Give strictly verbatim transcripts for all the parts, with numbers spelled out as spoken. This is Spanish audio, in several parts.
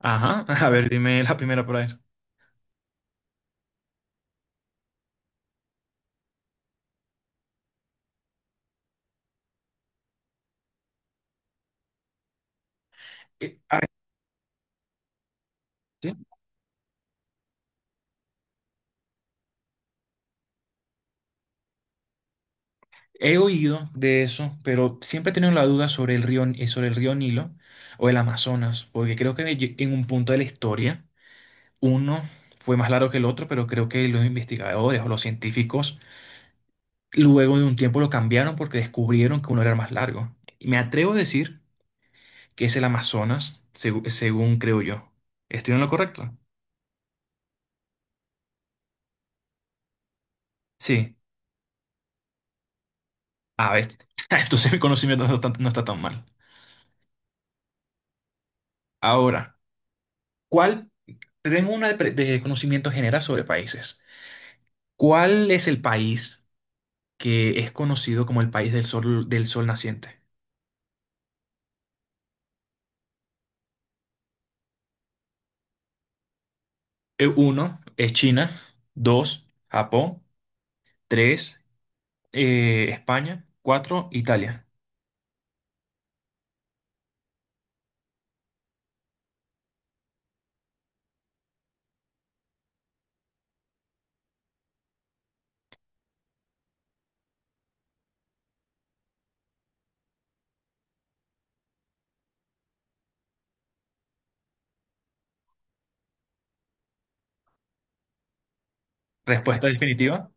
Ajá, a ver, dime la primera por ahí. Eh, ah, sí. He oído de eso, pero siempre he tenido la duda sobre el río, eh, sobre el río Nilo o el Amazonas, porque creo que lle- en un punto de la historia uno fue más largo que el otro, pero creo que los investigadores o los científicos luego de un tiempo lo cambiaron porque descubrieron que uno era más largo. Y me atrevo a decir que es el Amazonas, segu- según creo yo. ¿Estoy en lo correcto? Sí. A ver, entonces mi conocimiento no está no está tan mal. Ahora, ¿cuál? Te Tengo una de, pre- de conocimiento general sobre países. ¿Cuál es el país que es conocido como el país del sol, del sol naciente? Eh, Uno es China, dos, Japón, tres, eh, España, cuatro, Italia. Respuesta definitiva,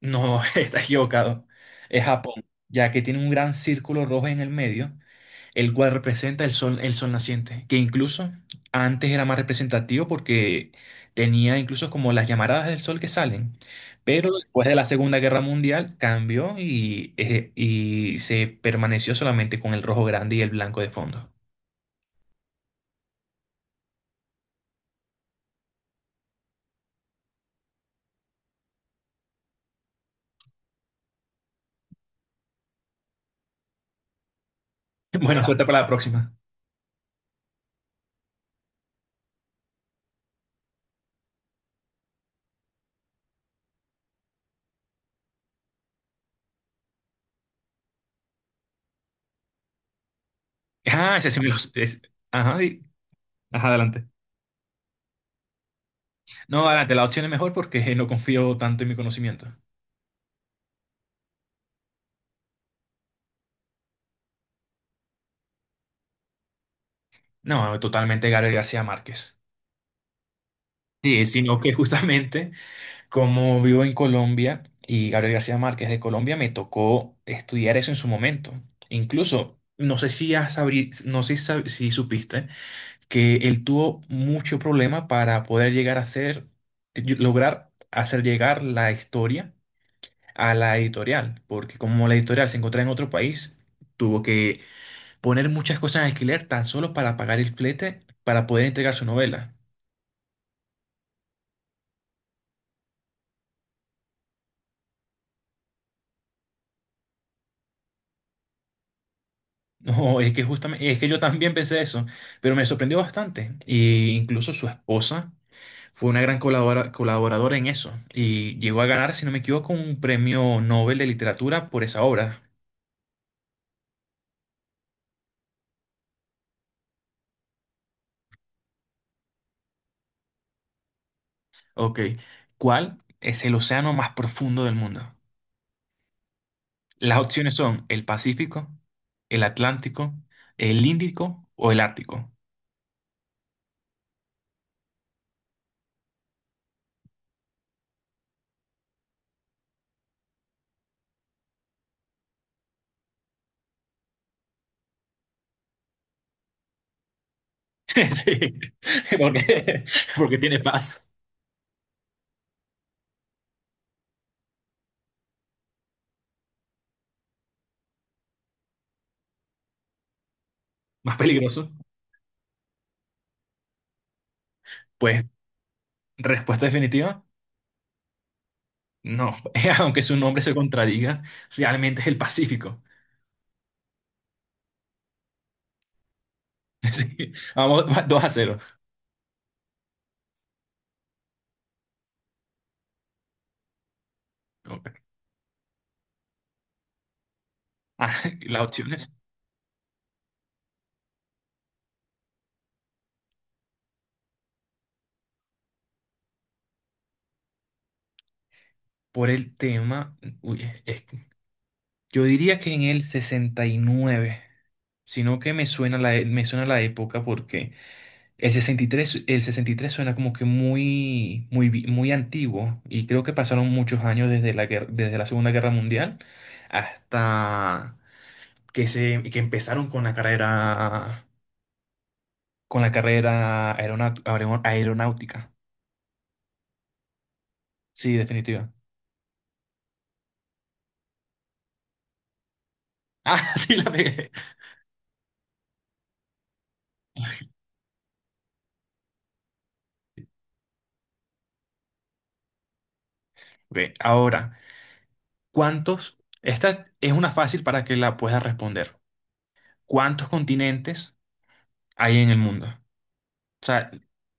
no, estás equivocado. Es Japón, ya que tiene un gran círculo rojo en el medio el cual representa el sol, el sol naciente, que incluso antes era más representativo porque tenía incluso como las llamaradas del sol que salen, pero después de la Segunda Guerra Mundial cambió y, eh, y se permaneció solamente con el rojo grande y el blanco de fondo. Bueno, cuenta para la próxima. Ah, ese sí me lo es- Ajá, y- ajá, adelante. No, adelante, la opción es mejor porque no confío tanto en mi conocimiento. No, totalmente Gabriel García Márquez. Sí, sino que justamente Como vivo en Colombia y Gabriel García Márquez de Colombia, me tocó estudiar eso en su momento. Incluso, no sé si has sabri- no sé si sab- si supiste que él tuvo mucho problema para poder llegar a ser, y- lograr hacer llegar la historia a la editorial, porque como la editorial se encontraba en otro país, tuvo que poner muchas cosas en alquiler tan solo para pagar el flete para poder entregar su novela. No, es que justamente, es que yo también pensé eso, pero me sorprendió bastante. Y incluso su esposa fue una gran colabora- colaboradora en eso y llegó a ganar, si no me equivoco, un premio Nobel de literatura por esa obra. Ok, ¿cuál es el océano más profundo del mundo? Las opciones son el Pacífico, el Atlántico, el Índico o el Ártico. Sí, porque, porque tiene paz. Más peligroso. Pues, respuesta definitiva. No, aunque su nombre se contradiga, realmente es el Pacífico. Sí, vamos va- dos a cero. Ah, Las opciones por el tema, uy, es- yo diría que en el sesenta y nueve, sino que me suena la, e- me suena la época porque el sesenta y tres el sesenta y tres suena como que muy, muy, vi- muy antiguo y creo que pasaron muchos años desde la guer- desde la Segunda Guerra Mundial hasta que se, que empezaron con la carrera Con la carrera aeronaut- aeron- aeronáutica. Sí, definitiva. Ah, sí, la pegué. Ok, ahora, ¿cuántos? Esta es una fácil para que la puedas responder. ¿Cuántos continentes hay en el mundo? O sea,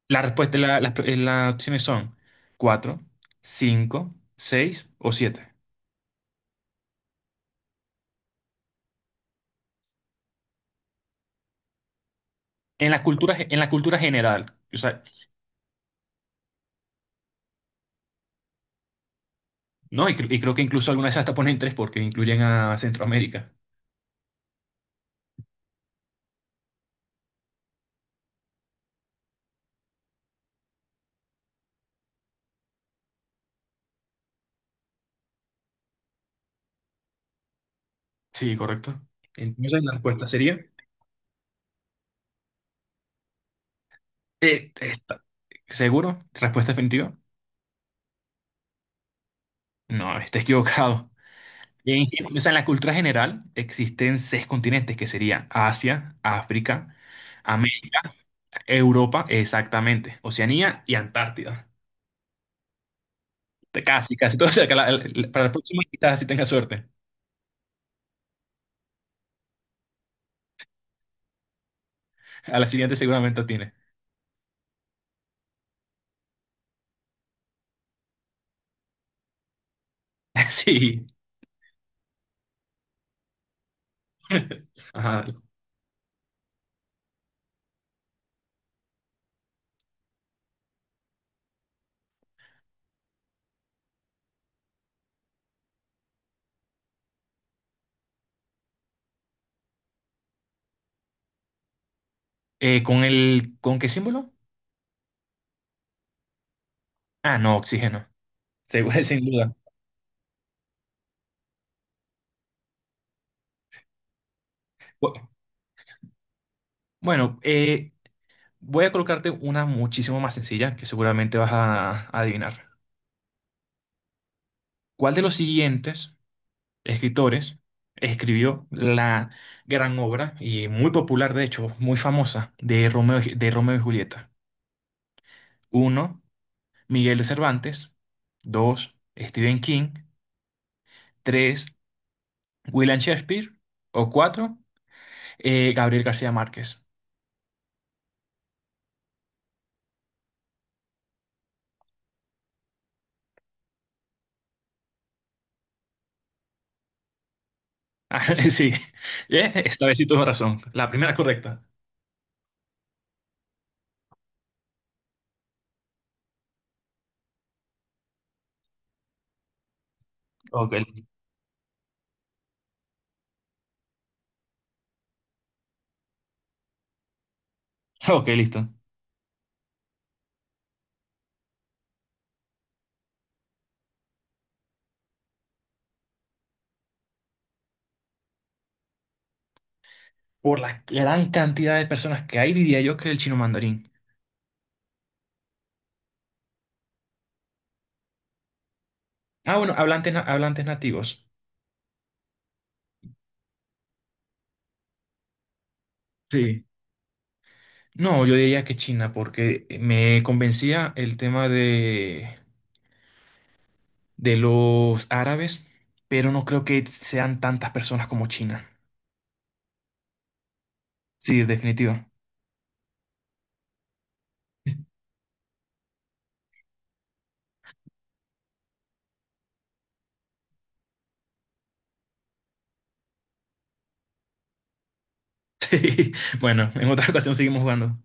la respuesta, la- las las opciones son cuatro, cinco, seis o siete. En la cultura, en la cultura general. O sea, no, y, cre- y creo que incluso algunas hasta ponen tres porque incluyen a Centroamérica. Sí, correcto. Entonces la respuesta sería Eh, está- ¿Seguro? ¿Respuesta definitiva? No, está equivocado. En, o sea, en la cultura general existen seis continentes que serían Asia, África, América, Europa, exactamente, Oceanía y Antártida. Te- Casi, casi todo cerca. La- la- para la próxima quizás si tenga suerte. A la siguiente seguramente tiene. Sí. Ajá. Eh, ¿con el, con qué símbolo? Ah, no, oxígeno. Seguro, sin duda. Bu- Bueno, eh, Voy a colocarte una muchísimo más sencilla que seguramente vas a a adivinar. ¿Cuál de los siguientes escritores escribió la gran obra y muy popular, de hecho, muy famosa de Romeo, y- de Romeo y Julieta? Uno, Miguel de Cervantes. Dos, Stephen King. Tres, William Shakespeare. O cuatro, eh, Gabriel García Márquez. Ah, Sí, Eh, esta vez sí tuvo razón. La primera es correcta. Ok, ok, listo. por la gran cantidad de personas que hay, diría yo que el chino mandarín. Ah, bueno, hablantes, na- hablantes nativos. Sí. No, yo diría que China, porque me convencía el tema de, de los árabes, pero no creo que sean tantas personas como China. Sí, definitiva. Sí. Bueno, en otra ocasión seguimos jugando.